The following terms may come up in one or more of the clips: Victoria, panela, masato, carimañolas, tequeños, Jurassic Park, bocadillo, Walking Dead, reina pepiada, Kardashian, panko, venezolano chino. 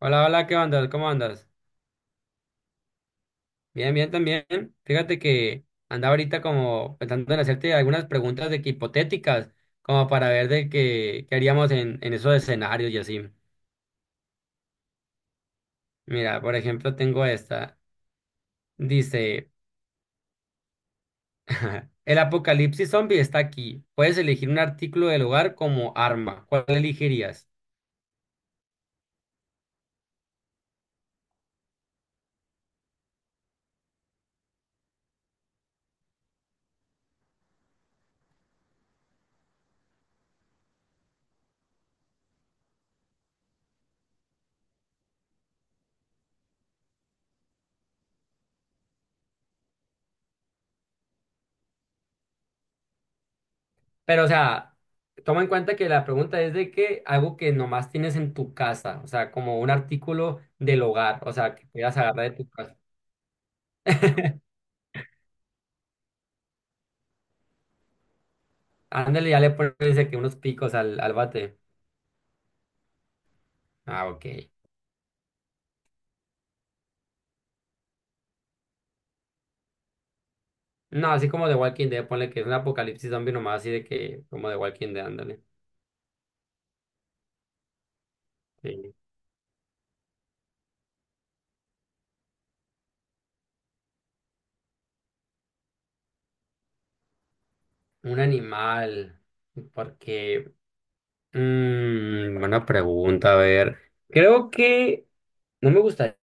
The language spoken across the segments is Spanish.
Hola, hola, ¿qué andas? ¿Cómo andas? Bien, bien también. Fíjate que andaba ahorita como pensando en hacerte algunas preguntas de que hipotéticas, como para ver qué haríamos en esos escenarios y así. Mira, por ejemplo, tengo esta. Dice, el apocalipsis zombie está aquí. Puedes elegir un artículo del hogar como arma. ¿Cuál elegirías? Pero, o sea, toma en cuenta que la pregunta es de que algo que nomás tienes en tu casa, o sea, como un artículo del hogar, o sea, que puedas agarrar de tu casa. Ándale, ya le pones dice que unos picos al bate. Ah, ok. No, así como de Walking Dead, ponle que es un apocalipsis zombie nomás, así de que, como de Walking Dead, ándale. Sí. Un animal. Porque, buena pregunta, a ver. Creo que no me gustaría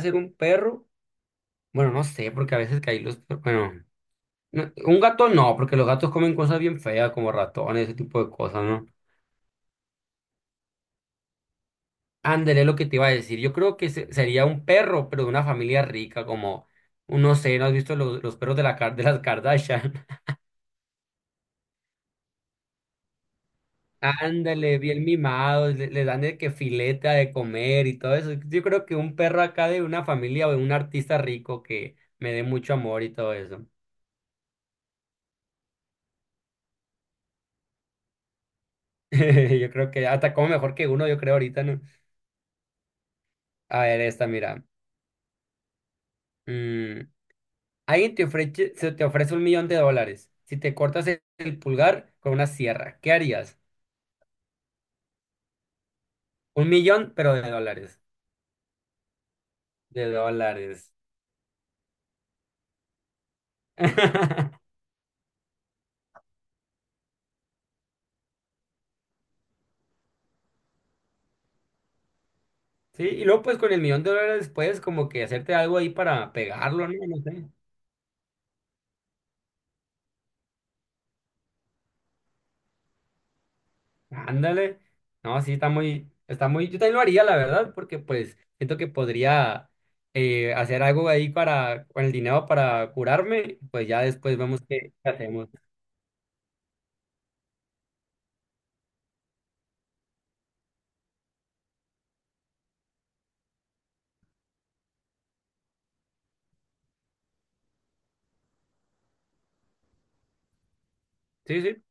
ser un perro. Bueno, no sé, porque a veces caí los. Bueno, no, un gato no, porque los gatos comen cosas bien feas, como ratones, ese tipo de cosas, ¿no? Ándale, es lo que te iba a decir. Yo creo que sería un perro, pero de una familia rica, como, no sé, ¿no has visto los perros de, la, de las Kardashian? Ándale, bien mimados, le dan de que fileta de comer y todo eso. Yo creo que un perro acá de una familia o de un artista rico que me dé mucho amor y todo eso. Yo creo que hasta como mejor que uno, yo creo ahorita, ¿no? A ver, esta, mira. Mm, alguien te ofrece, se te ofrece 1,000,000 de dólares si te cortas el pulgar con una sierra. ¿Qué harías? Un millón, pero de dólares. De dólares. Sí, y luego pues con el millón de dólares puedes como que hacerte algo ahí para pegarlo, ¿no? No sé. Ándale. No, sí, está muy, yo también lo haría, la verdad, porque pues siento que podría hacer algo ahí para, con el dinero para curarme, pues ya después vemos qué hacemos. Sí, sí.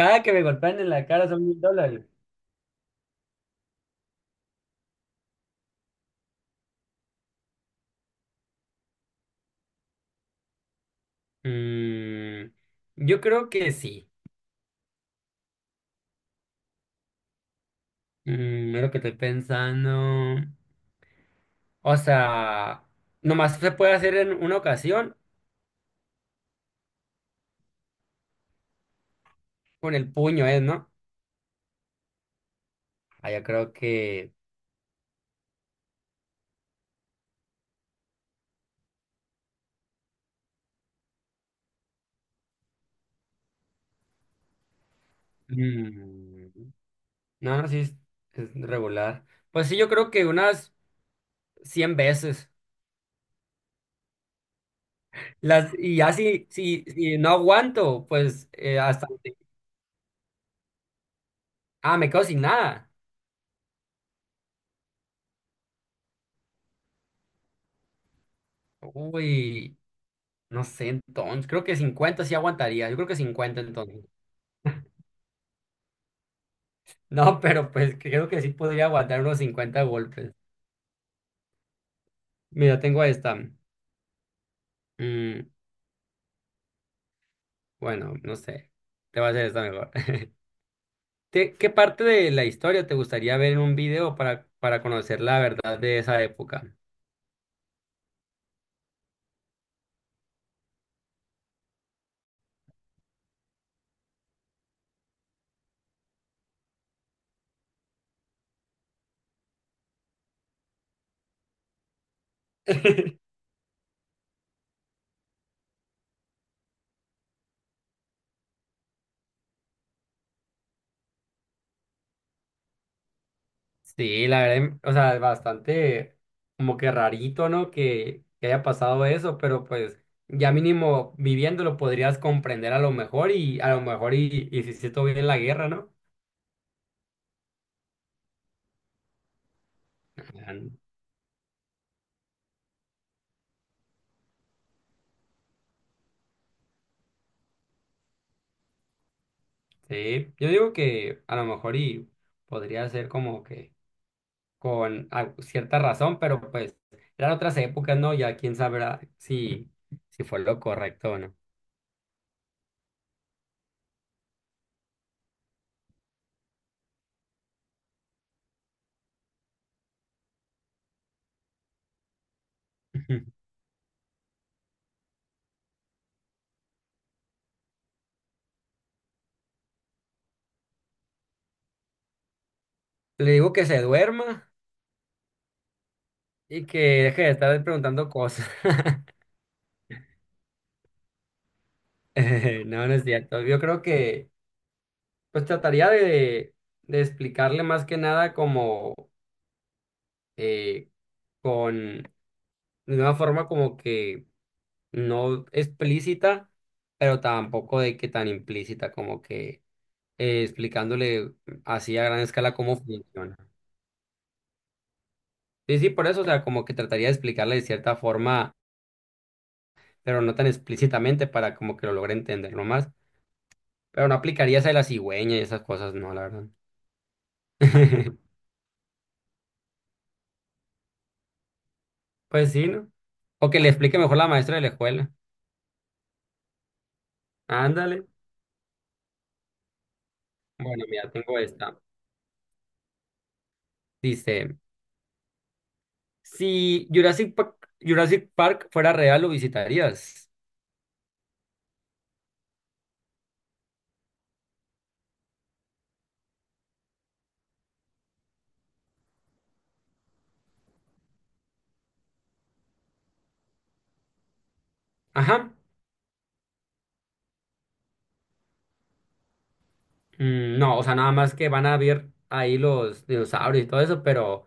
Cada que me golpean en la cara son 1,000 dólares. Mm, yo creo que sí. Es lo que estoy pensando. O sea, nomás se puede hacer en una ocasión con el puño, ¿eh? ¿No? Ah, yo creo que… mm, no, no, sí, es regular. Pues sí, yo creo que unas 100 veces. Las, y ya si no aguanto, pues hasta… Ah, me quedo sin nada. Uy, no sé, entonces, creo que 50 sí aguantaría. Yo creo que 50 entonces. No, pero pues creo que sí podría aguantar unos 50 golpes. Mira, tengo esta. Mm, Bueno, no sé. Te va a hacer esta mejor. ¿Qué parte de la historia te gustaría ver en un video para conocer la verdad de esa época? Sí, la verdad, o sea, es bastante como que rarito, ¿no? Que haya pasado eso, pero pues ya mínimo viviéndolo podrías comprender a lo mejor y si se estuvo bien la guerra, ¿no? Mm, Sí, yo digo que a lo mejor y podría ser como que con cierta razón, pero pues eran otras épocas, ¿no? Ya quién sabrá si fue lo correcto o no. Ujú. Le digo que se duerma y que deje de estar preguntando cosas. No, no es cierto. Yo creo que pues trataría de explicarle más que nada como eh, con de una forma como que no explícita, pero tampoco de que tan implícita como que explicándole así a gran escala cómo funciona. Sí, sí, por eso, o sea, como que trataría de explicarle de cierta forma, pero no tan explícitamente para como que lo logre entender nomás. Pero no aplicaría esa de la cigüeña y esas cosas, no, la verdad. Pues sí, ¿no? O que le explique mejor la maestra de la escuela. Ándale. Bueno, mira, tengo esta. Dice, si Jurassic Park fuera real, ¿lo visitarías? Ajá. No, o sea, nada más que van a ver ahí los dinosaurios y todo eso, pero…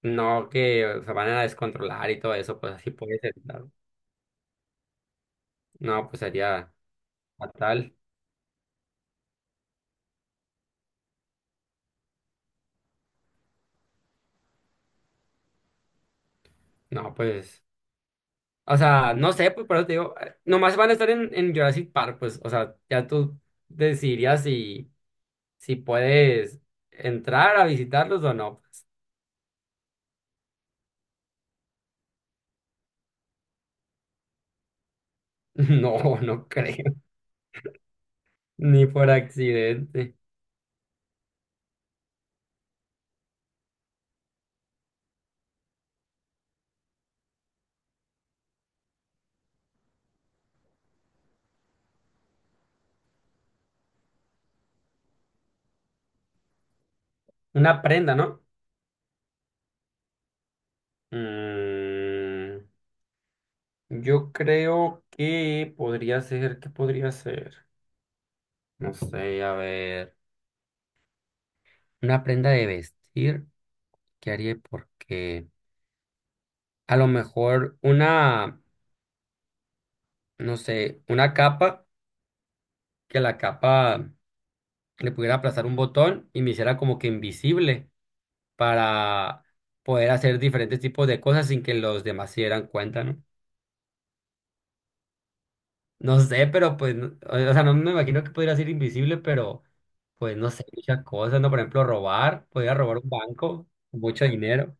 No, que se van a descontrolar y todo eso, pues así puede ser, claro. No, pues sería fatal. No, pues, o sea, no sé, pues por eso te digo, nomás van a estar en Jurassic Park, pues, o sea, ya tú decidirías si, si puedes entrar a visitarlos o no, pues. No, no creo, ni por accidente. Una prenda, ¿no? Mm, yo creo que podría ser, ¿qué podría ser? No sé, a ver. Una prenda de vestir, ¿qué haría? Porque a lo mejor una, no sé, una capa, que la capa le pudiera aplazar un botón y me hiciera como que invisible para poder hacer diferentes tipos de cosas sin que los demás se dieran cuenta, ¿no? No sé, pero pues, o sea, no me imagino que pudiera ser invisible, pero pues no sé, muchas cosas, ¿no? Por ejemplo, robar, podría robar un banco, mucho dinero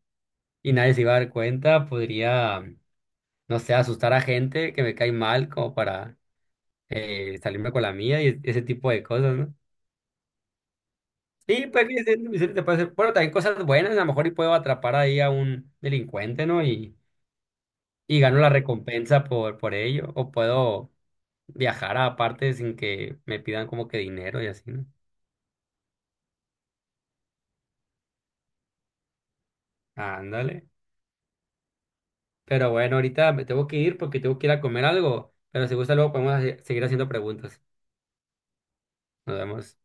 y nadie se iba a dar cuenta, podría… no sé, asustar a gente que me cae mal como para salirme con la mía y ese tipo de cosas, ¿no? Sí, pues sí, sí, sí, sí, bueno, también cosas buenas, a lo mejor y puedo atrapar ahí a un delincuente, ¿no? Y gano la recompensa por ello, o puedo viajar a partes sin que me pidan como que dinero y así, ¿no? Ándale. Pero bueno, ahorita me tengo que ir porque tengo que ir a comer algo, pero si gusta luego podemos seguir haciendo preguntas. Nos vemos.